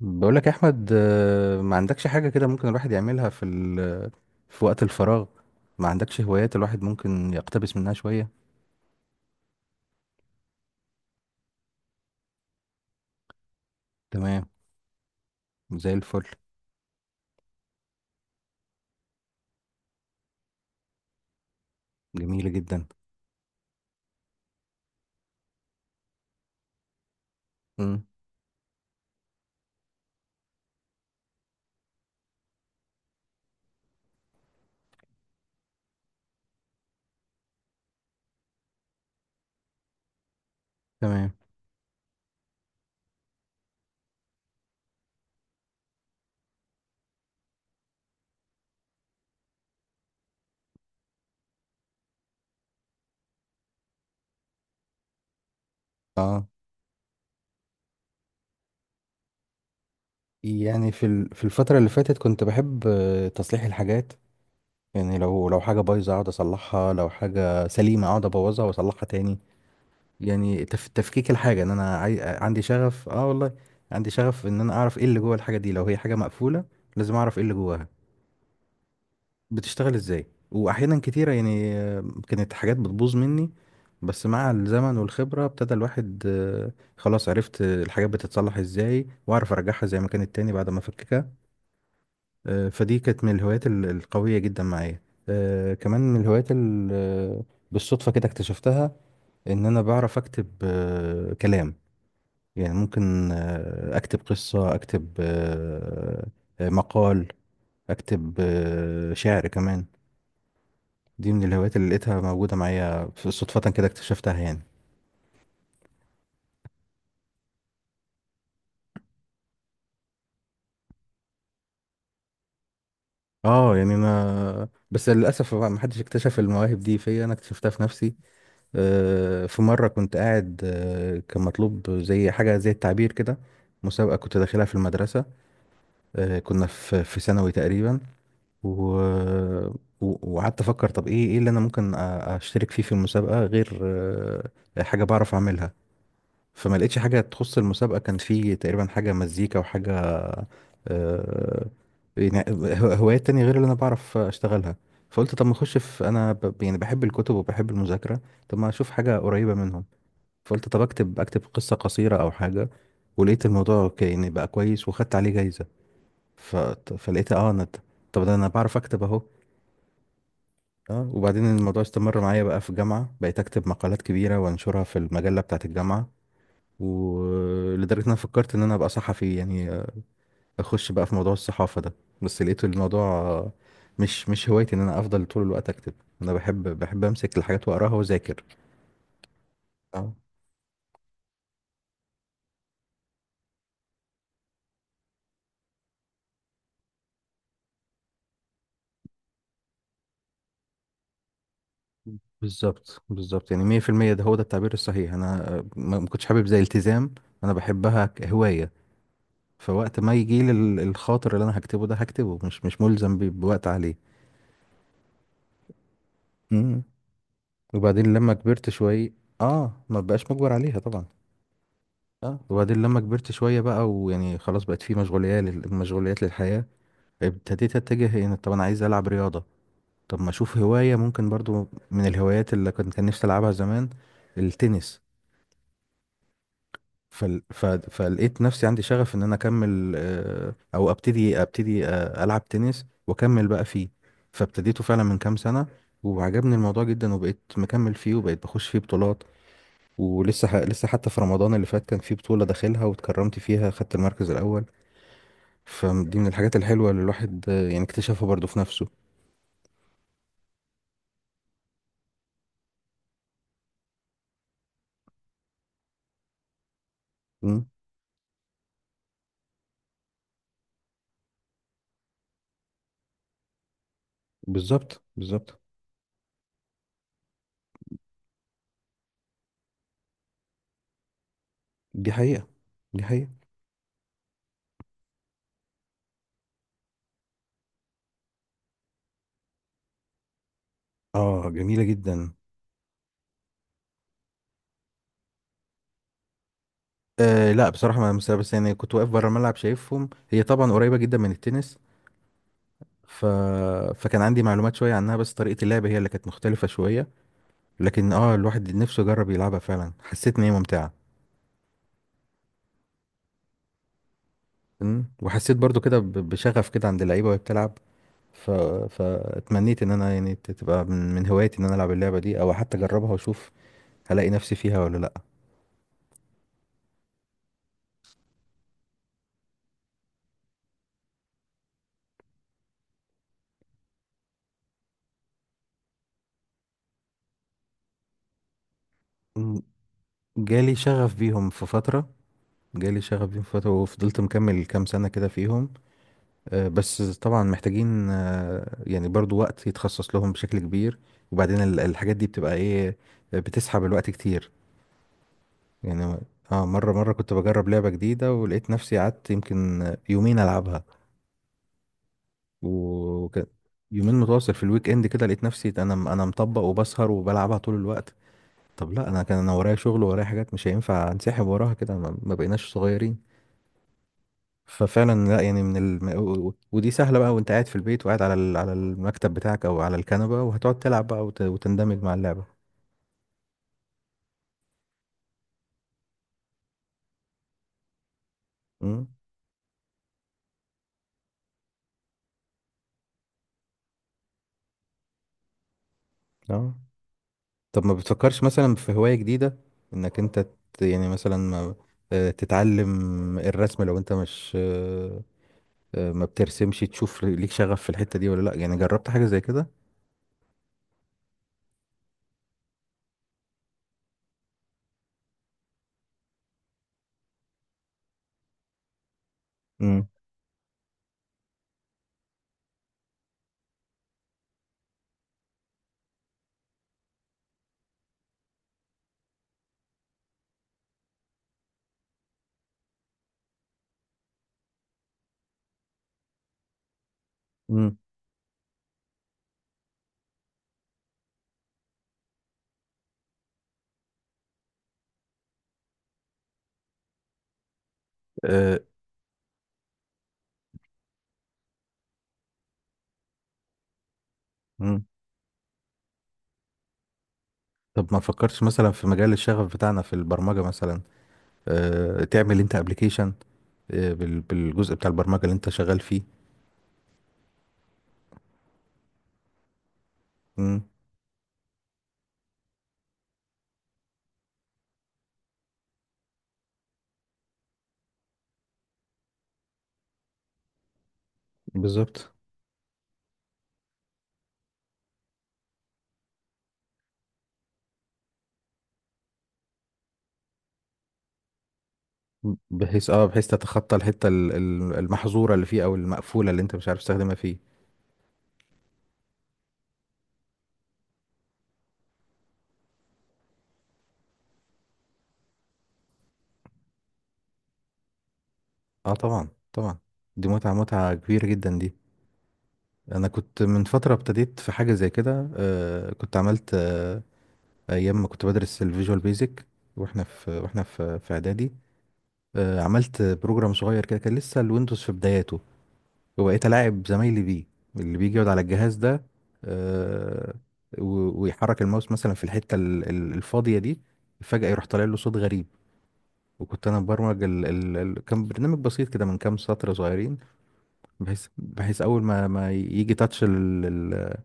بقول لك يا احمد، ما عندكش حاجه كده ممكن الواحد يعملها في وقت الفراغ؟ ما عندكش هوايات الواحد ممكن يقتبس منها شويه؟ تمام، زي الفل. جميل جدا. امم، تمام. اه في في الفتره اللي فاتت كنت بحب تصليح الحاجات. يعني لو حاجه بايظه اقعد اصلحها، لو حاجه سليمه اقعد ابوظها واصلحها تاني. يعني تفكيك الحاجه، عندي شغف، اه والله عندي شغف ان انا اعرف ايه اللي جوه الحاجه دي، لو هي حاجه مقفوله لازم اعرف ايه اللي جواها، بتشتغل ازاي. واحيانا كتيره يعني كانت حاجات بتبوظ مني، بس مع الزمن والخبره ابتدى الواحد، خلاص عرفت الحاجات بتتصلح ازاي، واعرف ارجعها زي ما كانت تاني بعد ما افككها. فدي كانت من الهوايات القويه جدا معايا. كمان من الهوايات بالصدفه كده اكتشفتها، ان انا بعرف اكتب كلام. يعني ممكن اكتب قصه، اكتب مقال، اكتب شعر كمان. دي من الهوايات اللي لقيتها موجودة معايا صدفة كده اكتشفتها يعني. انا بس للاسف ما حدش اكتشف المواهب دي فيا، انا اكتشفتها في نفسي. في مره كنت قاعد، كان مطلوب زي حاجه زي التعبير كده، مسابقه كنت داخلها في المدرسه. كنا في ثانوي تقريبا، و وقعدت افكر، طب ايه اللي انا ممكن اشترك فيه في المسابقه غير حاجه بعرف اعملها. فما لقيتش حاجه تخص المسابقه، كان في تقريبا حاجه مزيكا وحاجه، آه، هوايات تانية غير اللي أنا بعرف أشتغلها. فقلت طب ما أخش يعني بحب الكتب وبحب المذاكرة، طب ما أشوف حاجة قريبة منهم. فقلت طب أكتب قصة قصيرة أو حاجة. ولقيت الموضوع يعني بقى كويس وخدت عليه جايزة. ف... فلقيت أه أنا، طب ده أنا بعرف أكتب أهو. أه وبعدين الموضوع استمر معايا بقى في الجامعة، بقيت أكتب مقالات كبيرة وأنشرها في المجلة بتاعة الجامعة، ولدرجة إن أنا فكرت إن أنا أبقى صحفي يعني، اخش بقى في موضوع الصحافة ده. بس لقيت الموضوع مش هوايتي ان انا افضل طول الوقت اكتب. انا بحب امسك الحاجات واقراها واذاكر. اه، بالظبط بالظبط، يعني 100% ده هو ده التعبير الصحيح. انا ما كنتش حابب زي التزام، انا بحبها كهواية. فوقت ما يجي لي الخاطر اللي انا هكتبه ده هكتبه، مش ملزم بوقت عليه. مم. وبعدين لما كبرت شوية، اه ما بقاش مجبر عليها طبعا. اه وبعدين لما كبرت شوية بقى، ويعني خلاص بقت في مشغوليات مشغوليات للحياة، ابتديت اتجه ان طب انا عايز العب رياضه. طب ما اشوف هوايه ممكن برضو من الهوايات اللي كنت كان نفسي العبها زمان، التنس. فلقيت نفسي عندي شغف ان انا اكمل، او ابتدي العب تنس واكمل بقى فيه. فابتديته فعلا من كام سنه، وعجبني الموضوع جدا وبقيت مكمل فيه وبقيت بخش فيه بطولات. لسه حتى في رمضان اللي فات كان في بطوله داخلها واتكرمت فيها، خدت المركز الاول. فدي من الحاجات الحلوه اللي الواحد، يعني اكتشفها برضو في نفسه. بالظبط بالظبط. دي حقيقة، دي حقيقة. اه جميلة جدا. آه لا بصراحة ما لمستها، بس يعني كنت واقف بره الملعب شايفهم، هي طبعا قريبة جدا من التنس. ف... فكان عندي معلومات شوية عنها، بس طريقة اللعب هي اللي كانت مختلفة شوية. لكن اه الواحد نفسه يجرب يلعبها، فعلا حسيت ان هي ممتعة. أمم، وحسيت برضو كده بشغف كده عند اللعيبة وهي بتلعب. ف... فاتمنيت ان انا يعني تبقى من هواياتي ان انا العب اللعبة دي، او حتى اجربها واشوف هلاقي نفسي فيها ولا لا. أمم، جالي شغف بيهم في فترة، جالي شغف بيهم فترة وفضلت مكمل كام سنة كده فيهم. بس طبعا محتاجين، يعني برضو وقت يتخصص لهم بشكل كبير. وبعدين الحاجات دي بتبقى ايه، بتسحب الوقت كتير يعني. اه مرة كنت بجرب لعبة جديدة، ولقيت نفسي قعدت يمكن يومين ألعبها. وكان يومين متواصل في الويك اند كده، لقيت نفسي انا مطبق وبسهر وبلعبها طول الوقت. طب لا، انا كان انا ورايا شغل ورايا حاجات، مش هينفع انسحب وراها كده، ما بقيناش صغيرين. ففعلا لا يعني و- ودي سهله بقى، وانت قاعد في البيت وقاعد على على المكتب بتاعك او على الكنبه، وهتقعد تلعب بقى وتندمج مع اللعبه. امم، اه طب ما بتفكرش مثلا في هوايه جديده، انك انت يعني مثلا ما... آه، تتعلم الرسم؟ لو انت مش آه، آه، ما بترسمش، تشوف ليك شغف في الحته دي ولا لا؟ يعني جربت حاجه زي كده؟ امم، امم، آه، امم. طب ما فكرتش مثلا في مجال الشغف بتاعنا في البرمجه مثلا؟ تعمل انت ابلكيشن، بالجزء بتاع البرمجة اللي انت شغال فيه. مم، بالظبط، بحيث اه بحيث تتخطى الحتة المحظورة اللي فيه، او المقفولة اللي انت مش عارف تستخدمها فيه. اه طبعا، طبعا. دي متعة، متعة كبيرة جدا دي. انا كنت من فترة ابتديت في حاجة زي كده، آه كنت عملت آه، ايام ما كنت بدرس الفيجوال بيزك. واحنا في اعدادي. آه عملت بروجرام صغير كده، كان لسه الويندوز في بداياته، وبقيت ألاعب زمايلي بيه، اللي بيجي يقعد على الجهاز ده. آه، ويحرك الماوس مثلا في الحتة الفاضية دي، فجأة يروح طالع له صوت غريب. وكنت أنا مبرمج كان برنامج بسيط كده من كام سطر صغيرين. بحيث أول ما يجي تاتش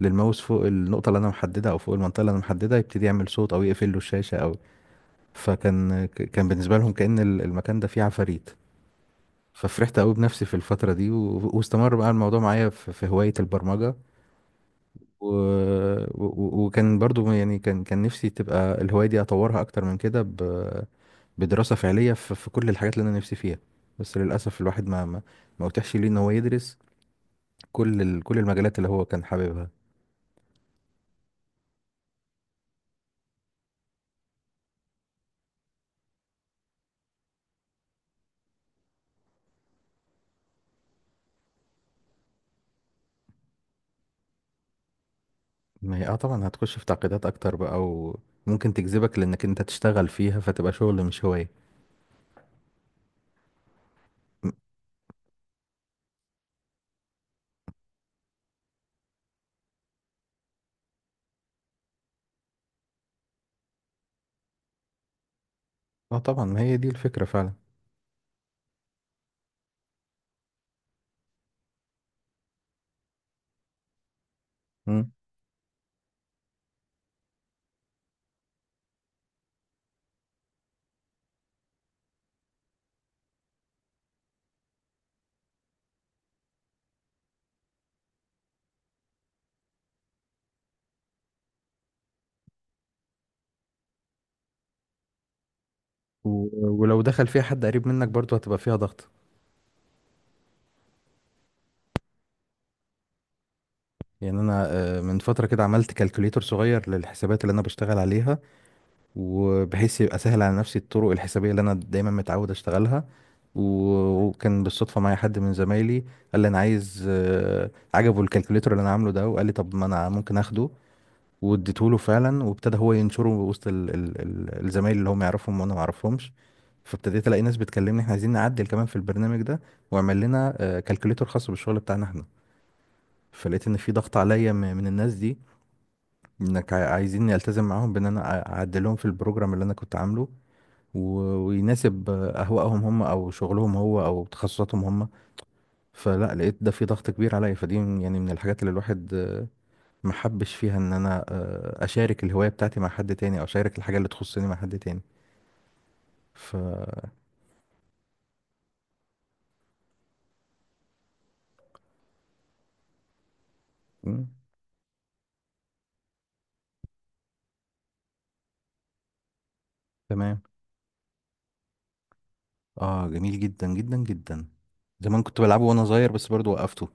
للماوس فوق النقطة اللي أنا محددها، أو فوق المنطقة اللي أنا محددها، يبتدي يعمل صوت أو يقفل له الشاشة أو، فكان كان بالنسبة لهم كأن المكان ده فيه عفاريت. ففرحت قوي بنفسي في الفترة دي، واستمر بقى الموضوع معايا في في هواية البرمجة. و... وكان برضو يعني كان نفسي تبقى الهواية دي أطورها أكتر من كده بدراسة فعلية في كل الحاجات اللي أنا نفسي فيها. بس للأسف الواحد ما أتيحش ليه إن هو يدرس كل كل المجالات اللي هو كان حاببها. ما هي اه طبعا هتخش في تعقيدات أكتر بقى، وممكن تجذبك لأنك أنت تشتغل فيها، فتبقى شغل مش هواية. م- اه طبعا، ما هي دي الفكرة فعلا. مم. و... ولو دخل فيها حد قريب منك برضو هتبقى فيها ضغط. يعني أنا، من فترة كده عملت كالكوليتر صغير للحسابات اللي أنا بشتغل عليها، وبحيث يبقى سهل على نفسي الطرق الحسابية اللي أنا دايما متعود أشتغلها. وكان بالصدفة معايا حد من زمايلي، قال لي أنا عايز، عجبه الكالكوليتر اللي أنا عامله ده، وقال لي طب ما أنا ممكن أخده. واديته له فعلا، وابتدى هو ينشره وسط الزمايل اللي هم يعرفهم وأنا ما أعرفهمش. فابتديت ألاقي ناس بتكلمني إحنا عايزين نعدل كمان في البرنامج ده، واعمل لنا كالكوليتر خاص بالشغل بتاعنا إحنا. فلقيت إن في ضغط عليا من الناس دي، انك عايزين التزم معاهم بان انا اعدلهم في البروجرام اللي انا كنت عامله، ويناسب اهوائهم هم او شغلهم هو او تخصصاتهم هم. فلا، لقيت ده في ضغط كبير عليا، فدي يعني من الحاجات اللي الواحد ما حبش فيها، ان انا اشارك الهواية بتاعتي مع حد تاني، او اشارك الحاجة اللي تخصني مع حد تاني. ف مم، تمام. اه جميل جدا جدا جدا. زمان كنت بلعبه وانا صغير بس برضو وقفته،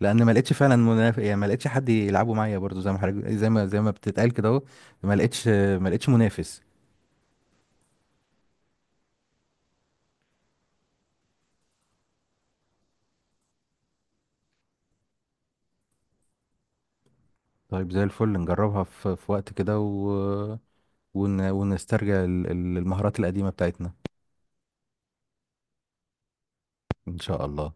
لان ما لقيتش فعلا منافس. يعني ما لقيتش حد يلعبه معايا برضو، زي ما حضرتك، زي ما بتتقال كده اهو. ما لقيتش منافس. طيب زي الفل، نجربها في في وقت كده، ونسترجع المهارات القديمة بتاعتنا. إن شاء الله.